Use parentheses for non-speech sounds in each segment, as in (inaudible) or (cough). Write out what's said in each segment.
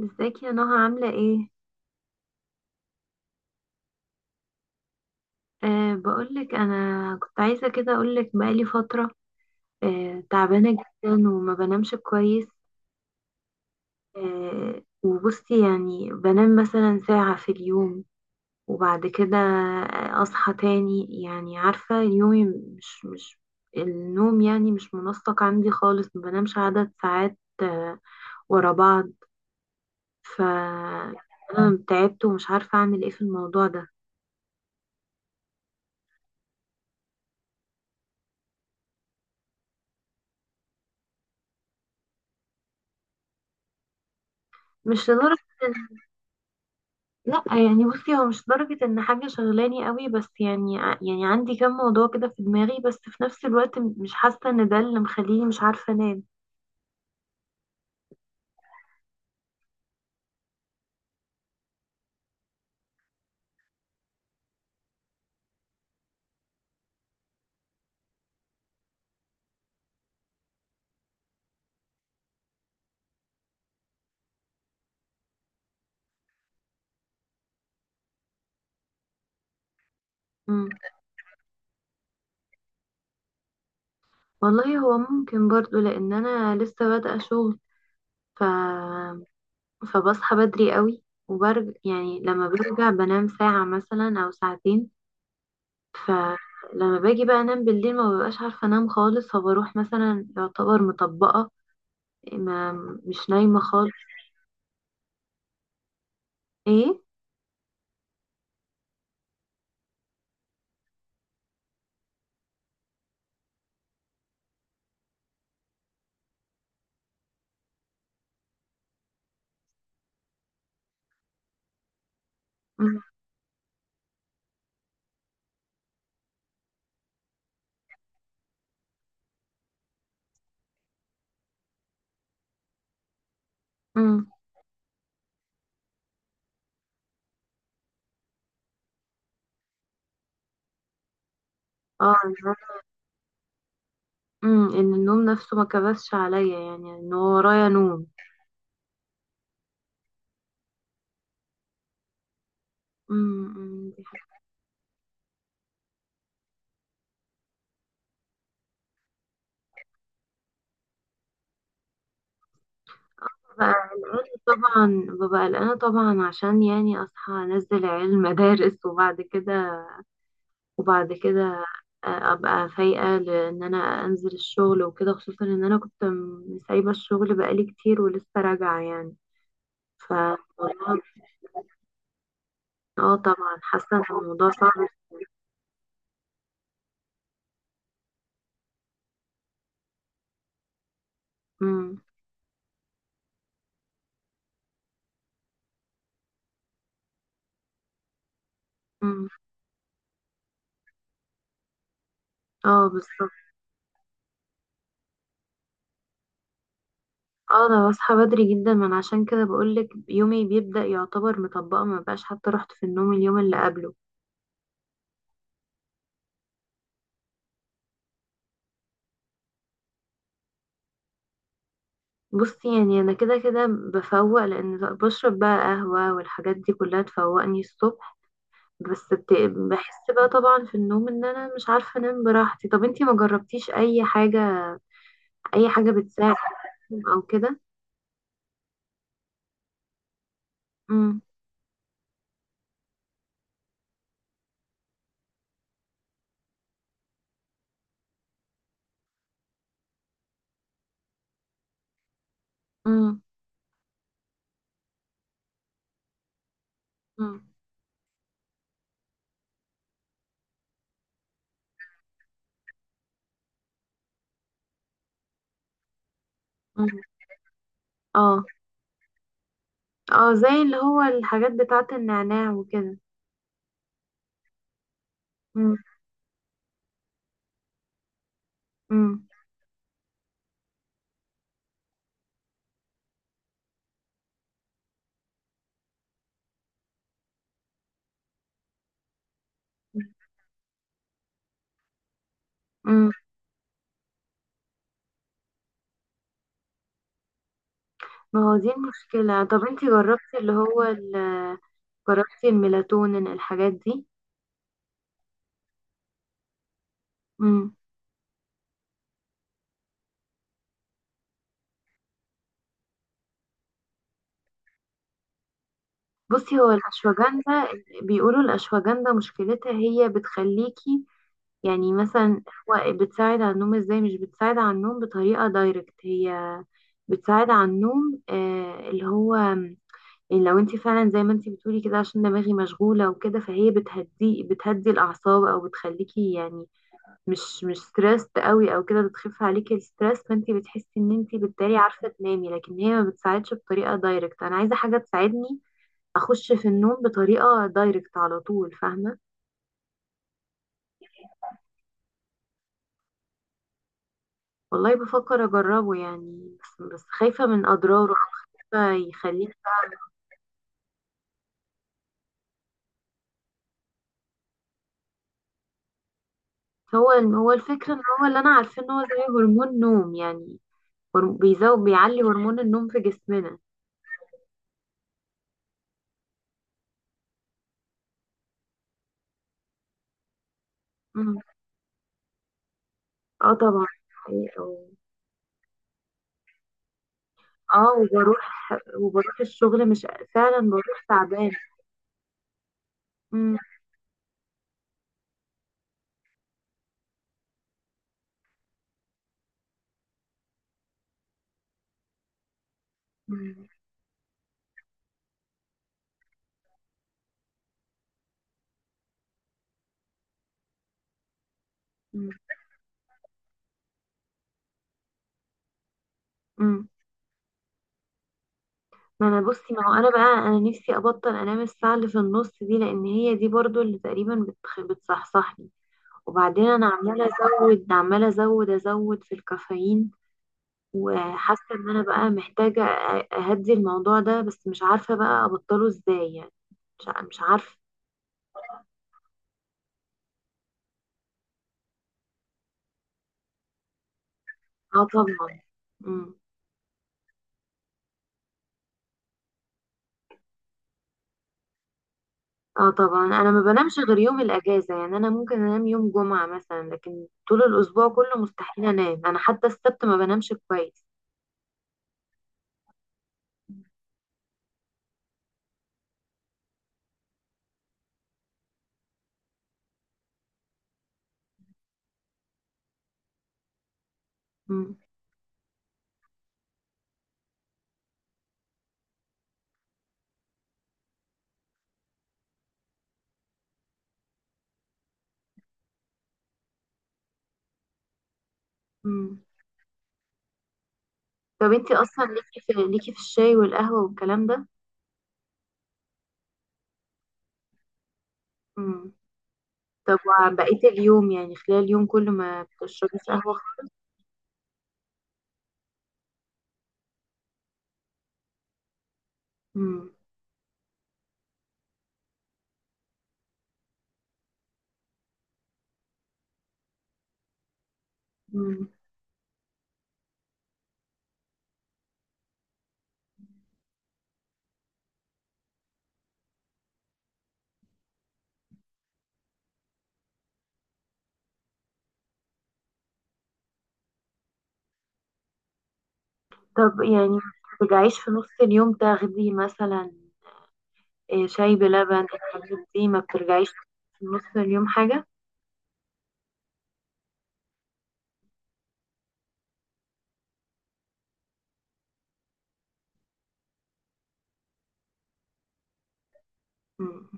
ازيك يا نهى عاملة ايه؟ بقولك انا كنت عايزة كده اقولك بقالي فترة. تعبانة جدا وما بنامش كويس. وبصي يعني بنام مثلا ساعة في اليوم، وبعد كده اصحى تاني، يعني عارفة يومي مش النوم يعني مش منسق عندي خالص، ما بنامش عدد ساعات ورا بعض. ف انا تعبت ومش عارفة اعمل ايه في الموضوع ده. مش لدرجة. لا يعني بصي، هو مش درجة ان حاجة شغلاني قوي، بس يعني يعني عندي كم موضوع كده في دماغي، بس في نفس الوقت مش حاسة ان ده اللي مخليني مش عارفة انام. مم. والله هو ممكن برضو لان انا لسه بادئة شغل. ف... فبصحى بدري قوي، وبرجع يعني، لما برجع بنام ساعة مثلا او ساعتين. فلما باجي بقى انام بالليل ما ببقاش عارفة انام خالص، فبروح مثلا يعتبر مطبقة، ما مش نايمة خالص. ايه. مم. مم. اه. ان النوم نفسه ما كبسش عليا، يعني ان هو ورايا نوم. امم، دي حاجة. ببقى قلقانة طبعا، ببقى قلقانة طبعا عشان يعني اصحى انزل عيال المدارس (laughs) وبعد كده ابقى فايقة، لان انا انزل الشغل وكده، خصوصا ان انا كنت سايبة الشغل بقالي كتير ولسه راجعة يعني. ف اه طبعا، حاسة ان الموضوع صعب. امم. امم. اه بالظبط. اه انا بصحى بدري جدا، من عشان كده بقولك يومي بيبدأ يعتبر مطبقه، ما بقاش حتى رحت في النوم اليوم اللي قبله. بصي يعني انا كده كده بفوق، لان بشرب بقى قهوة والحاجات دي كلها تفوقني الصبح. بس بت... بحس بقى طبعا في النوم ان انا مش عارفة انام براحتي. طب انتي ما جربتيش اي حاجة، اي حاجة بتساعد او كده؟ امم. امم. امم. أمم. اه. اه زي اللي هو الحاجات بتاعة النعناع وكده. امم. امم. ما هو دي المشكلة. طب انتي جربتي اللي هو جربتي الميلاتونين الحاجات دي؟ مم. بصي، هو الأشواجندا، بيقولوا الأشواجندا مشكلتها هي بتخليكي يعني مثلا، هو بتساعد على النوم ازاي؟ مش بتساعد على النوم بطريقة دايركت، هي بتساعد على النوم اللي هو يعني، لو انتي فعلا زي ما انتي بتقولي كده عشان دماغي مشغولة وكده، فهي بتهدي الأعصاب، أو بتخليكي يعني مش ستريسد قوي او كده، بتخف عليكي الستريس، فانت بتحسي ان انت بالتالي عارفه تنامي، لكن هي ما بتساعدش بطريقه دايركت. انا عايزه حاجه تساعدني اخش في النوم بطريقه دايركت على طول، فاهمه. والله بفكر اجربه يعني، بس خايفه من اضراره، خايفه يخليني. هو الفكره، ان هو اللي انا عارفه ان هو زي هرمون نوم يعني، بيزود بيعلي هرمون النوم في جسمنا. مم. اه طبعا. اه وبروح وبروح الشغل مش، فعلا بروح تعبان. مم. مم. مم. ما انا بصي، ما هو انا بقى، انا نفسي ابطل انام الساعه اللي في النص دي، لان هي دي برضو اللي تقريبا بتصحصحني. وبعدين انا عماله ازود، عماله ازود ازود في الكافيين، وحاسه ان انا بقى محتاجه اهدي الموضوع ده، بس مش عارفه بقى ابطله ازاي يعني. مش عارفه. اه طبعا. مم. اه طبعا انا ما بنامش غير يوم الاجازه، يعني انا ممكن انام يوم جمعه مثلا، لكن طول الاسبوع كله مستحيل انام، انا حتى السبت ما بنامش كويس. مم. مم. طب انتي اصلا ليكي في الشاي والقهوة والكلام ده؟ مم. طب وبقية اليوم يعني، خلال اليوم كل ما بتشربي قهوة؟ مم. مم. طب يعني ما بترجعيش في نص اليوم تاخدي مثلا، إيه، شاي بلبن الحاجات دي؟ ما بترجعيش في نص اليوم حاجة؟ مم.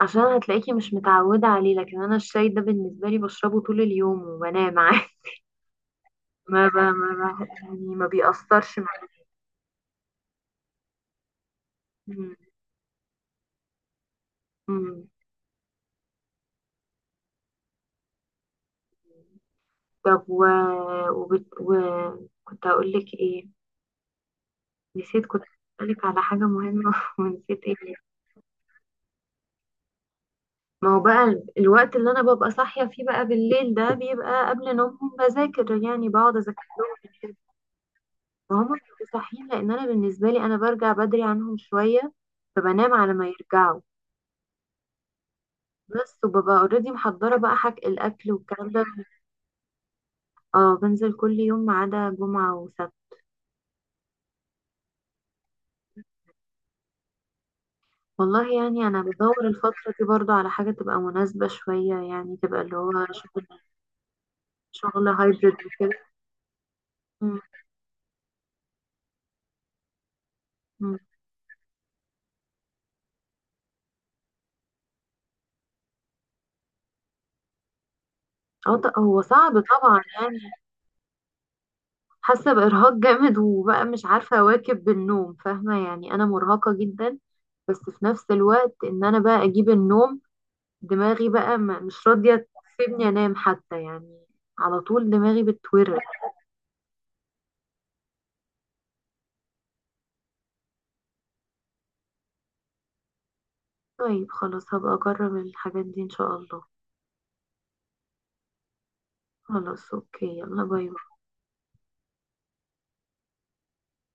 عشان هتلاقيكي مش متعودة عليه، لكن أنا الشاي ده بالنسبة لي بشربه طول اليوم وبنام عادي. (laughs) ما ب... ما ب... يعني ما بيأثرش معايا. مم. مم. طب و... وبت... و... كنت هقول لك ايه، نسيت، كنت هسألك على حاجة مهمة (laughs) ونسيت ايه. ما هو بقى الوقت اللي انا ببقى صاحية فيه بقى بالليل ده، بيبقى قبل نومهم، بذاكر يعني، بقعد اذاكر لهم كده. فهم بيبقوا صاحيين، لان انا بالنسبة لي انا برجع بدري عنهم شوية، فبنام على ما يرجعوا، بس وببقى اوريدي محضرة بقى حاجة، الاكل والكلام ده. اه بنزل كل يوم ما عدا جمعة وسبت. والله يعني انا بدور الفتره دي برضو على حاجه تبقى مناسبه شويه يعني، تبقى اللي هو شغل، شغل هايبريد وكده. مم. مم. اه هو صعب طبعا يعني. حاسه بارهاق (laughs) جامد، وبقى مش عارفه اواكب بالنوم، فاهمه يعني انا مرهقه جدا. بس في نفس الوقت ان انا بقى اجيب النوم، دماغي بقى مش راضيه تسيبني انام حتى يعني، على طول دماغي بتورق. طيب خلاص، هبقى اجرب الحاجات دي ان شاء الله. خلاص، اوكي، يلا باي.